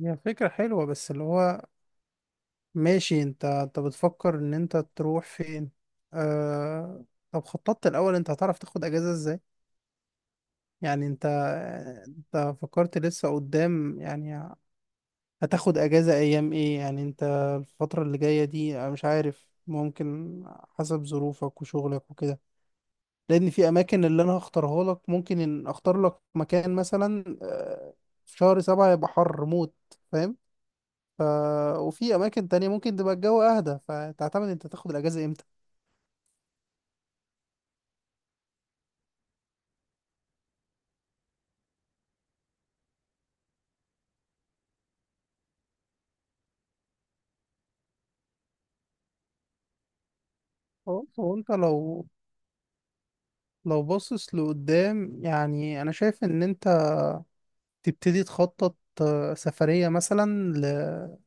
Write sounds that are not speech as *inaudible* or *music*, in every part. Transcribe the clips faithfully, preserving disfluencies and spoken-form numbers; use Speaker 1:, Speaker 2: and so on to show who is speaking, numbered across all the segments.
Speaker 1: هي فكرة حلوة بس اللي هو ماشي. انت انت بتفكر ان انت تروح فين؟ آه... طب خططت الاول، انت هتعرف تاخد اجازة ازاي؟ يعني انت، انت فكرت لسه قدام يعني؟ هتاخد اجازة ايام ايه يعني انت؟ الفترة اللي جاية دي انا مش عارف، ممكن حسب ظروفك وشغلك وكده. لان في اماكن اللي انا هختارها لك، ممكن ان اختار لك مكان مثلا، آه، في شهر سبعة يبقى حر موت، فاهم؟ ف... وفي اماكن تانية ممكن تبقى الجو اهدى، فتعتمد انت تاخد الاجازة امتى. هو هو انت لو، لو باصص لقدام، يعني انا شايف ان انت تبتدي تخطط آه، سفرية مثلا ل...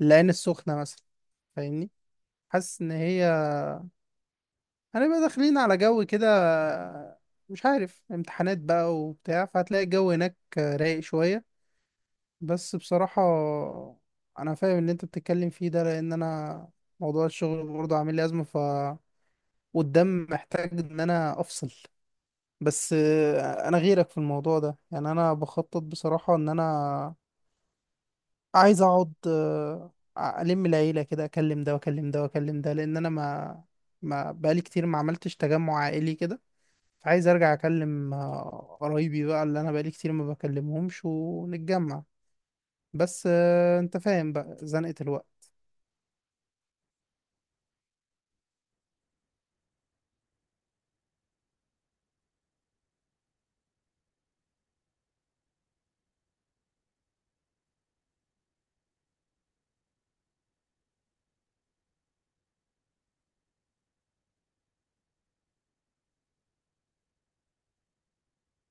Speaker 1: لعين السخنة مثلا، فاهمني؟ حاسس ان هي، هنبقى داخلين على جو كده، آه، مش عارف، امتحانات بقى وبتاع، فهتلاقي الجو هناك آه، رايق شوية. بس بصراحة انا فاهم ان انت بتتكلم فيه ده، لان انا موضوع الشغل برضه عامل لي ازمة، والدم محتاج ان انا افصل. بس آه، انا غيرك في الموضوع ده، يعني انا بخطط بصراحة ان انا عايز اقعد، آه، الم العيلة كده، اكلم ده واكلم ده واكلم ده، لان انا ما ما بقالي كتير ما عملتش تجمع عائلي كده. فعايز ارجع اكلم آه، قرايبي بقى اللي انا بقالي كتير ما بكلمهمش، ونتجمع. بس آه، انت فاهم بقى زنقة الوقت.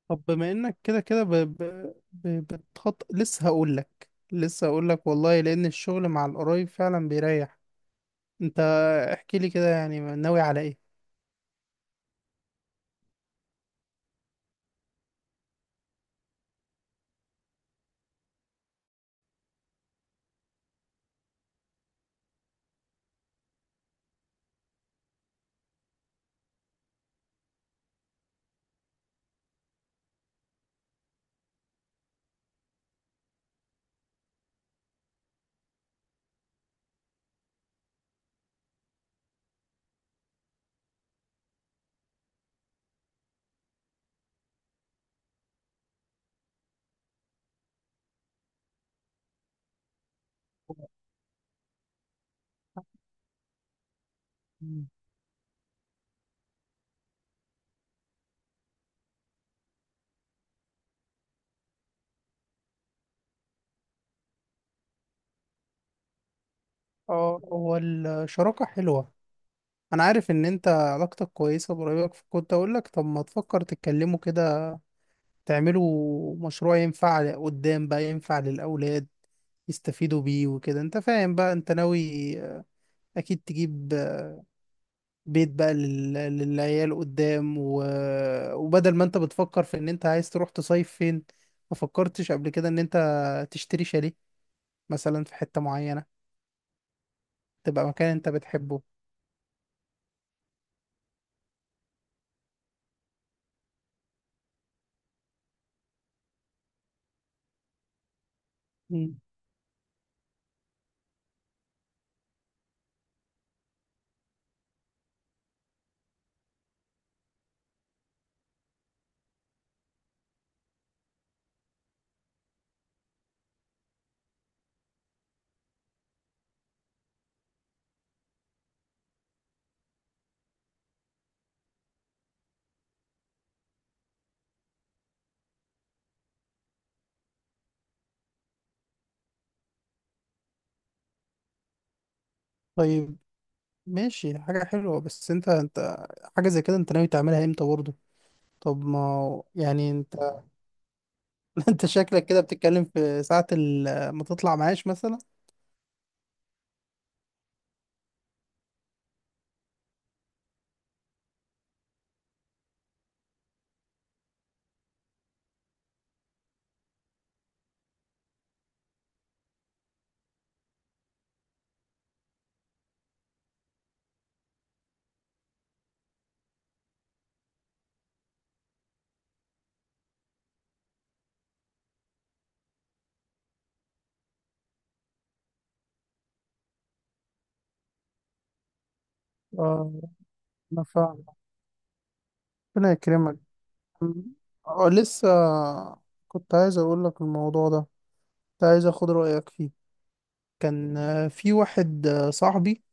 Speaker 1: طب بما انك كده كده ب... ب... ب... بتخط، لسه هقول لك، لسه هقول لك والله، لان الشغل مع القرايب فعلا بيريح. انت احكي لي كده، يعني ناوي على ايه؟ مم. اه، هو الشراكة حلوة. انا عارف ان انت علاقتك كويسة بقرايبك، فكنت اقول لك طب ما تفكر تتكلموا كده، تعملوا مشروع ينفع قدام بقى، ينفع للاولاد يستفيدوا بيه وكده. انت فاهم بقى، انت ناوي اكيد تجيب بيت بقى لل... للعيال قدام، و... وبدل ما انت بتفكر في ان انت عايز تروح تصيف فين، ما فكرتش قبل كده ان انت تشتري شاليه مثلا في حتة معينة، تبقى مكان انت بتحبه؟ مم. طيب ماشي، حاجة حلوة. بس انت، انت حاجة زي كده انت ناوي تعملها امتى برضه؟ طب ما هو- يعني انت *laughs* انت شكلك كده بتتكلم في ساعة ال- ما تطلع معاش مثلا. اه، انا فاهم. ربنا يكرمك. اه، لسه. كنت عايز اقول لك الموضوع ده، كنت عايز اخد رأيك فيه. كان آه، في واحد آه، صاحبي،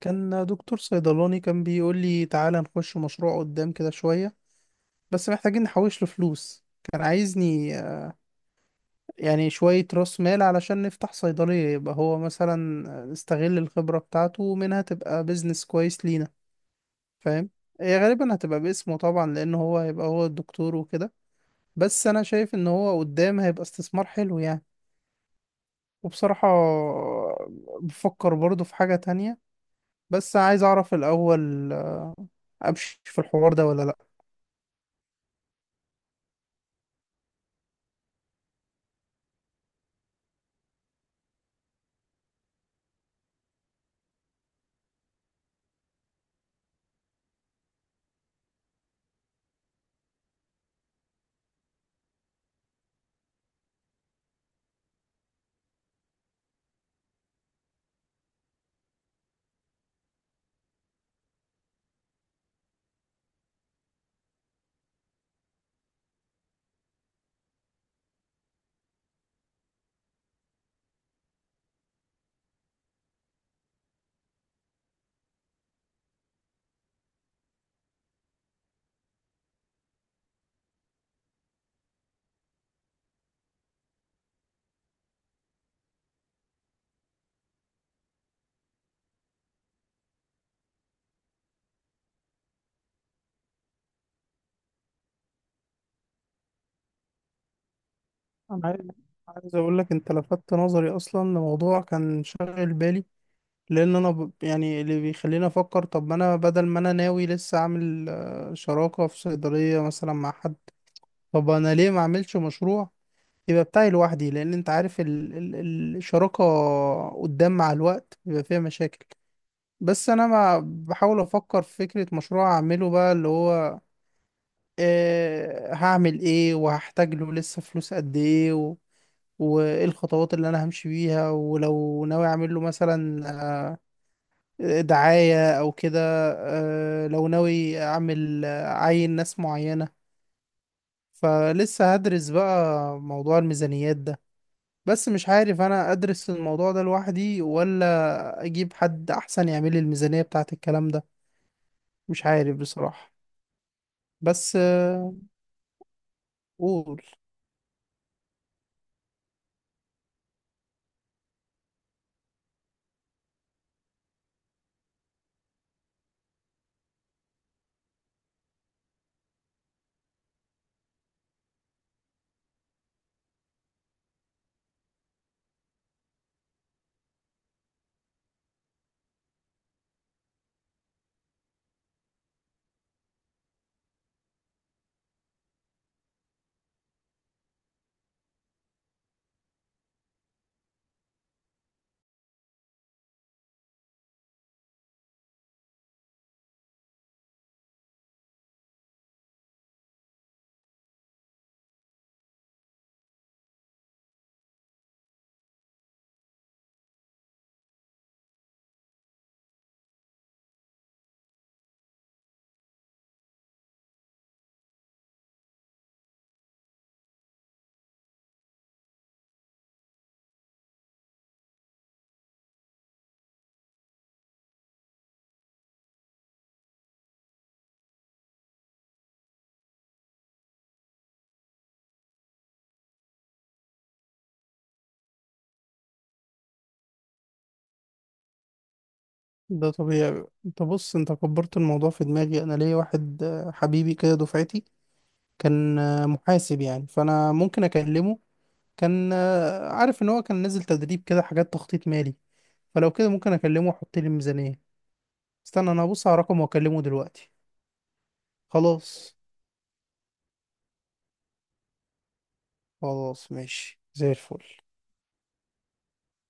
Speaker 1: كان آه، دكتور صيدلاني، كان بيقول لي تعالى نخش مشروع قدام كده شوية، بس محتاجين نحوش له فلوس. كان عايزني آه، يعني شوية راس مال علشان نفتح صيدلية، يبقى هو مثلا آه، نستغل الخبرة بتاعته ومنها تبقى بيزنس كويس لينا، فاهم؟ هي غالبا هتبقى باسمه طبعا، لأن هو هيبقى هو الدكتور وكده. بس أنا شايف إن هو قدام هيبقى استثمار حلو يعني. وبصراحة، آه، بفكر برضه في حاجة تانية، بس عايز اعرف الاول، امشي في الحوار ده ولا لا؟ انا عايز عايز اقول لك انت لفتت نظري اصلا لموضوع كان شاغل بالي لان انا ب... يعني اللي بيخليني افكر طب ما انا بدل ما انا ناوي لسه اعمل آه، شراكة في صيدلية مثلا مع حد طب انا ليه ما اعملش مشروع يبقى بتاعي لوحدي لان انت عارف ال... ال... الشراكة قدام مع الوقت بيبقى فيها مشاكل بس انا ما بحاول افكر في فكرة مشروع اعمله بقى اللي هو آه، هعمل ايه وهحتاج له لسه فلوس قد ايه و... وايه الخطوات اللي انا همشي بيها ولو ناوي اعمل له مثلا آه، دعاية او كده آه، لو ناوي اعمل آه، عين ناس معينة فلسه هدرس بقى موضوع الميزانيات ده بس مش عارف انا ادرس الموضوع ده لوحدي ولا اجيب حد احسن يعمل لي الميزانية بتاعت الكلام ده مش عارف بصراحة بس آه، قول. ده طبيعي. انت بص، انت كبرت الموضوع في دماغي. انا ليا واحد آه، حبيبي كده، دفعتي، كان آه، محاسب يعني، فانا ممكن اكلمه. كان آه، عارف ان هو كان نازل تدريب كده، حاجات تخطيط مالي، فلو كده ممكن اكلمه واحط لي ميزانية. استنى انا هبص على رقم واكلمه دلوقتي. خلاص. خلاص ماشي، زي الفل.